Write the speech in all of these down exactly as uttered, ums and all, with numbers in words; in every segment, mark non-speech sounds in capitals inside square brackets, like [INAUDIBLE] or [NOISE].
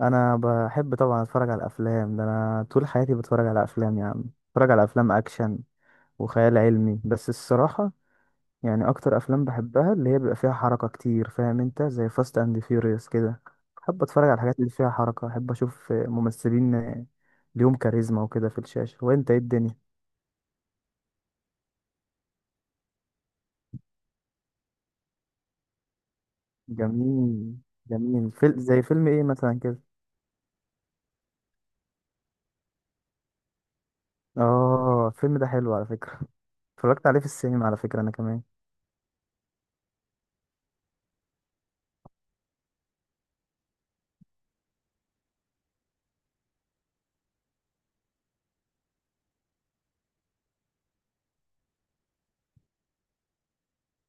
انا بحب طبعا اتفرج على الافلام. ده انا طول حياتي بتفرج على افلام يا عم. بتفرج على افلام اكشن وخيال علمي بس الصراحه. يعني اكتر افلام بحبها اللي هي بيبقى فيها حركه كتير، فاهم انت؟ زي فاست اند فيوريوس كده. بحب اتفرج على الحاجات اللي فيها حركه، احب اشوف ممثلين ليهم كاريزما وكده في الشاشه. وانت ايه الدنيا؟ جميل. جميل فيل... زي فيلم ايه مثلا كده؟ اه، الفيلم ده حلو على فكره. [LAUGHS] اتفرجت عليه في السينما على فكره انا كمان.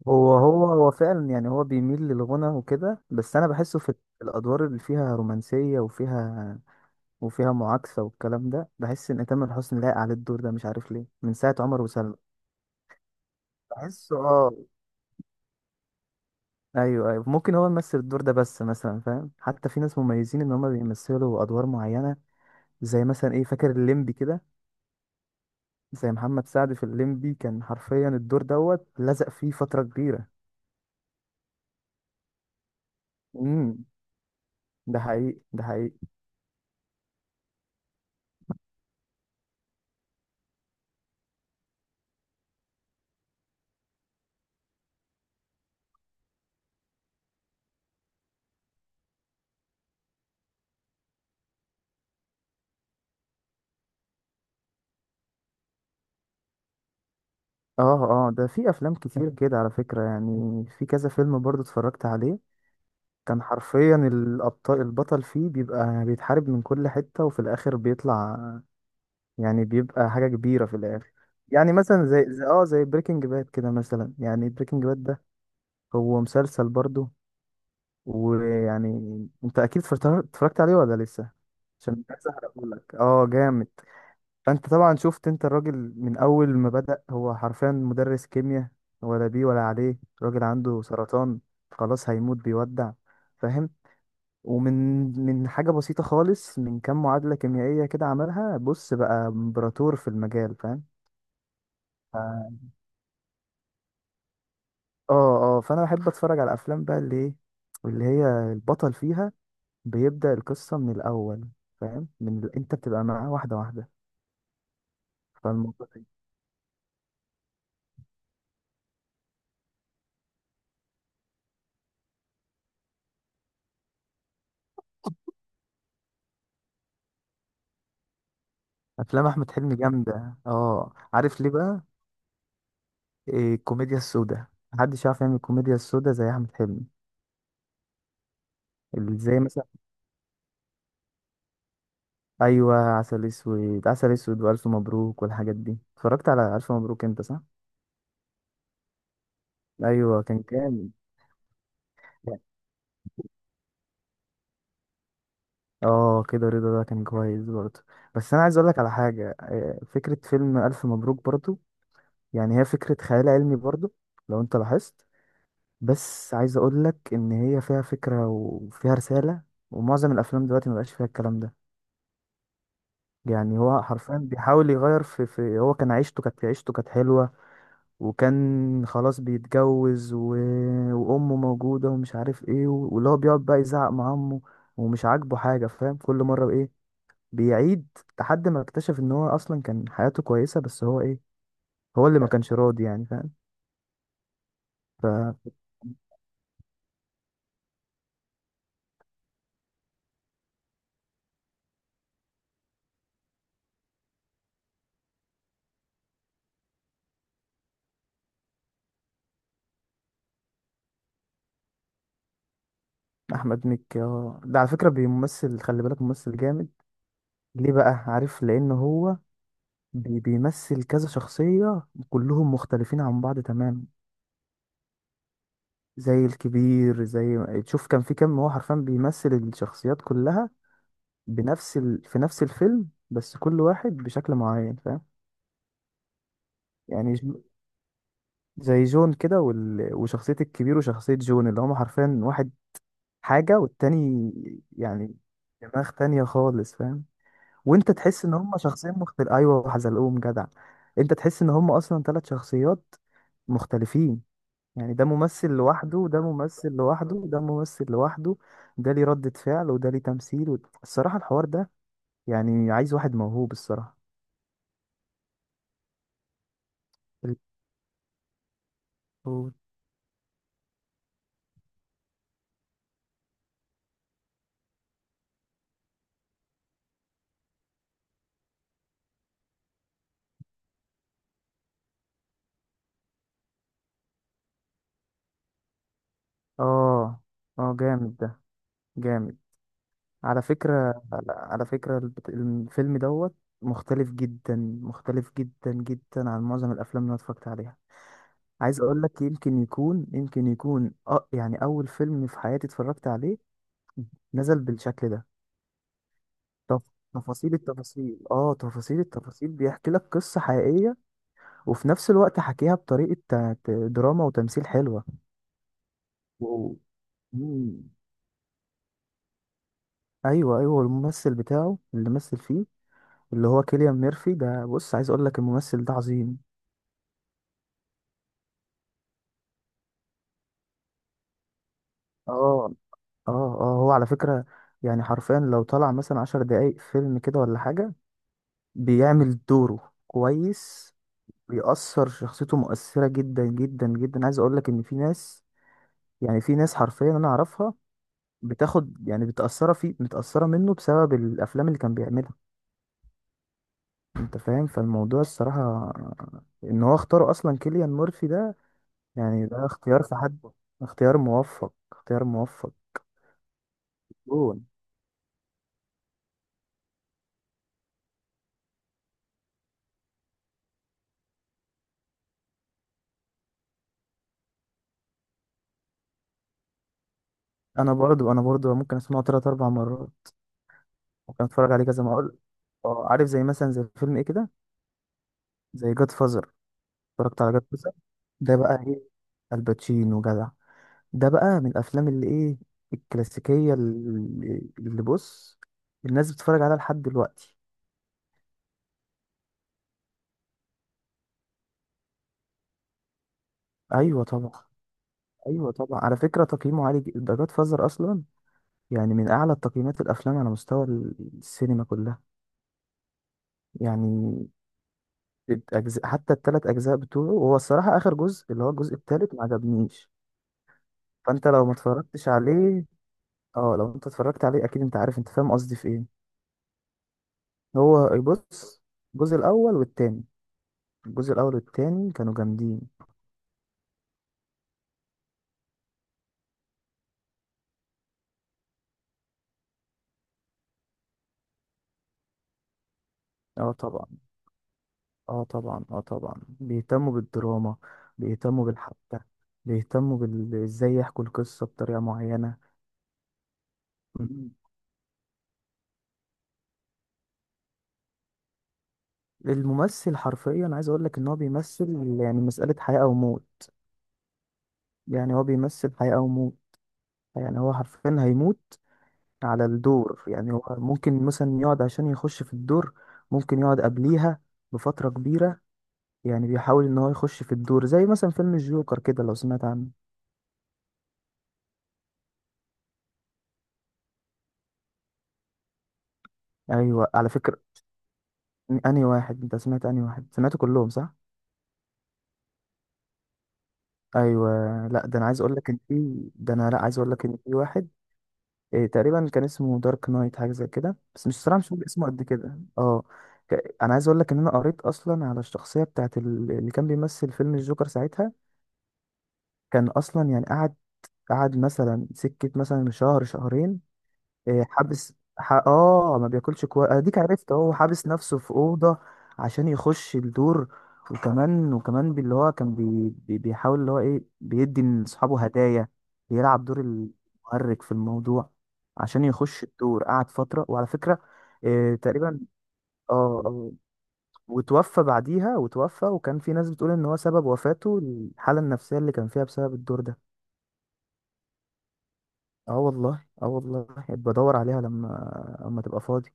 هو هو هو فعلا. يعني هو بيميل للغنى وكده، بس انا بحسه في الادوار اللي فيها رومانسيه وفيها وفيها معاكسه والكلام ده. بحس ان تامر حسني لايق على الدور ده، مش عارف ليه، من ساعه عمر وسلمى. بحسه اه. ايوه ايوه، ممكن هو يمثل الدور ده. بس مثلا فاهم، حتى في ناس مميزين ان هم بيمثلوا ادوار معينه. زي مثلا ايه، فاكر الليمبي كده؟ زي محمد سعد في الليمبي، كان حرفيا الدور دوت لزق فيه فتره كبيره. امم ده حقيقي ده حقيقي. اه اه، ده في افلام كتير كده على فكرة يعني. في كذا فيلم برضو اتفرجت عليه. كان حرفيا الابطال البطل فيه بيبقى بيتحارب من كل حتة وفي الاخر بيطلع. يعني بيبقى حاجة كبيرة في الاخر. يعني مثلا زي زي- اه زي بريكنج باد كده مثلا. يعني بريكنج باد ده هو مسلسل برضو. ويعني انت اكيد اتفرجت اتفرجت عليه ولا لسه؟ عشان مش عايز احرقهولك. اه جامد. فانت طبعا شفت، انت الراجل من اول ما بدأ هو حرفيا مدرس كيمياء، ولا بيه ولا عليه، راجل عنده سرطان، خلاص هيموت، بيودع. فاهم؟ ومن من حاجة بسيطة خالص، من كام معادلة كيميائية كده عملها، بص بقى امبراطور في المجال، فاهم؟ ف- اه اه، فانا بحب اتفرج على الافلام بقى، اللي ايه؟ اللي هي البطل فيها بيبدأ القصة من الاول، فاهم من ال... انت بتبقى معاه واحدة واحدة. فالموضوع ده- إيه؟ افلام احمد حلمي جامدة. اه، عارف ليه بقى؟ إيه، الكوميديا السوداء. محدش يعرف يعمل الكوميديا السوداء زي احمد حلمي. اللي زي مثلا، ايوه، عسل اسود، عسل اسود والف مبروك والحاجات دي. اتفرجت على الف مبروك انت، صح؟ ايوه كان جامد. اه، كده رضا ده كان كويس برضه. بس انا عايز اقول لك على حاجه، آه، فكره فيلم الف مبروك برضه، يعني هي فكره خيال علمي برضه لو انت لاحظت. بس عايز اقول لك ان هي فيها فكره وفيها رساله، ومعظم الافلام دلوقتي مبقاش فيها الكلام ده. يعني هو حرفيا بيحاول يغير في, في هو. كان عيشته كانت عيشته كانت حلوة. وكان خلاص بيتجوز و... وأمه موجودة ومش عارف ايه، و- واللي هو بيقعد بقى يزعق مع أمه ومش عاجبه حاجة، فاهم؟ كل مرة ايه، بيعيد لحد ما اكتشف ان هو اصلا كان حياته كويسة، بس هو ايه؟ هو اللي ما كانش راضي، يعني فاهم. فأحمد مكي، آه، ده على فكرة بيمثل، خلي بالك، ممثل جامد. ليه بقى، عارف؟ لأن هو بي- بيمثل كذا شخصية كلهم مختلفين عن بعض تماما. زي الكبير. زي تشوف كان في كام، هو حرفيا بيمثل الشخصيات كلها بنفس ال... في نفس الفيلم، بس كل واحد بشكل معين، فاهم؟ يعني ج- زي جون كده وال... وشخصية الكبير وشخصية جون، اللي هما حرفيا واحد حاجة والتاني، يعني دماغ تانية خالص، فاهم؟ وانت تحس ان هما شخصين مختلف. ايوه حزلقوم جدع. انت تحس ان هما اصلا ثلاث شخصيات مختلفين. يعني ده ممثل لوحده وده ممثل لوحده وده ممثل لوحده. ده ليه ردة فعل وده ليه تمثيل و... الصراحة الحوار ده يعني عايز واحد موهوب الصراحة. الفول. اه اه جامد ده، جامد. على فكرة على فكرة البت- الفيلم دوت مختلف جدا. مختلف جدا جدا عن معظم الأفلام اللي أنا اتفرجت عليها. عايز أقول لك يمكن يكون يمكن يكون أه يعني أول فيلم في حياتي اتفرجت عليه نزل بالشكل ده. تف- تفاصيل التفاصيل اه تفاصيل التفاصيل بيحكي لك قصة حقيقية، وفي نفس الوقت حكيها بطريقة ت- ت- دراما وتمثيل حلوة و... مم. ايوه ايوه، الممثل بتاعه اللي مثل فيه، اللي هو كيليان ميرفي ده، بص عايز اقول لك الممثل ده عظيم. اه اه اه، هو على فكرة يعني حرفيا لو طلع مثلا عشر دقايق فيلم كده ولا حاجة، بيعمل دوره كويس. بيأثر شخصيته مؤثرة جدا جدا جدا. عايز اقول لك ان في ناس، يعني في ناس حرفيا انا اعرفها بتاخد، يعني بتأثرة فيه متأثرة منه بسبب الأفلام اللي كان بيعملها. أنت فاهم، فالموضوع الصراحة إن هو اختاره أصلا كيليان مورفي ده، يعني ده اختيار في حد. اختيار موفق اختيار موفق. جون. أنا برضو أنا برضو ممكن أسمعه تلات أربع مرات. ممكن أتفرج عليه كذا ما أقول. آه، عارف؟ زي مثلا زي فيلم إيه كده؟ زي جاد فازر. اتفرجت على جاد فازر، ده بقى إيه؟ الباتشينو جدع. ده بقى من الافلام اللي ايه، الكلاسيكيه اللي اللي بص الناس بتتفرج عليها لحد دلوقتي. ايوه طبعا، ايوه طبعا، على فكره تقييمه عالي جدا ده جاد فازر اصلا. يعني من اعلى تقييمات الافلام على مستوى ال- السينما كلها. يعني الأجزاء، حتى الثلاث اجزاء بتوعه، وهو الصراحه اخر جزء اللي هو الجزء الثالث ما عجبنيش. فانت لو ما اتفرجتش عليه، اه، لو انت اتفرجت عليه اكيد انت عارف، انت فاهم قصدي في ايه. هو بص، الجزء الاول والتاني الجزء الاول والتاني كانوا جامدين. اه طبعا، اه طبعا، اه طبعا بيهتموا بالدراما، بيهتموا بالحبكة، بيهتموا بال- ازاي يحكوا القصة بطريقة معينة. مم. الممثل حرفيا عايز اقول لك ان هو بيمثل يعني مسألة حياة او موت. يعني هو بيمثل حياة او موت، يعني هو حرفيا هيموت على الدور. يعني هو ممكن مثلا يقعد عشان يخش في الدور، ممكن يقعد قبليها بفترة كبيرة، يعني بيحاول ان هو يخش في الدور. زي مثلا فيلم الجوكر كده، لو سمعت عنه. ايوه على فكرة، انهي واحد انت سمعت؟ انهي واحد سمعت، كلهم صح؟ ايوه. لا ده انا عايز اقول لك ان في ده انا، لا، عايز اقول لك ان في واحد إيه تقريبا كان اسمه دارك نايت حاجه زي كده، بس مش صراحه، مش فاكر اسمه قد كده اه. ك- انا عايز اقول لك ان انا قريت اصلا على الشخصيه بتاعت ال- اللي كان بيمثل فيلم الجوكر ساعتها. كان اصلا يعني قعد قعد مثلا سكه مثلا شهر شهرين. إيه، حابس ح... اه ما بياكلش كويس، اديك عرفت اهو، حابس نفسه في اوضه عشان يخش الدور. وكمان وكمان باللي هو كان بي... بي... بيحاول اللي هو ايه بيدي لاصحابه هدايا، بيلعب دور المؤرج في الموضوع عشان يخش الدور. قعد فتره، وعلى فكره إيه تقريبا، اه آه، وتوفى بعديها. وتوفى وكان في ناس بتقول ان هو سبب وفاته الحاله النفسيه اللي كان فيها بسبب الدور ده. اه والله، اه والله، بدور عليها لما لما تبقى فاضي.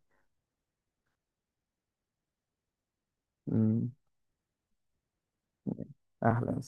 مم. أهلا.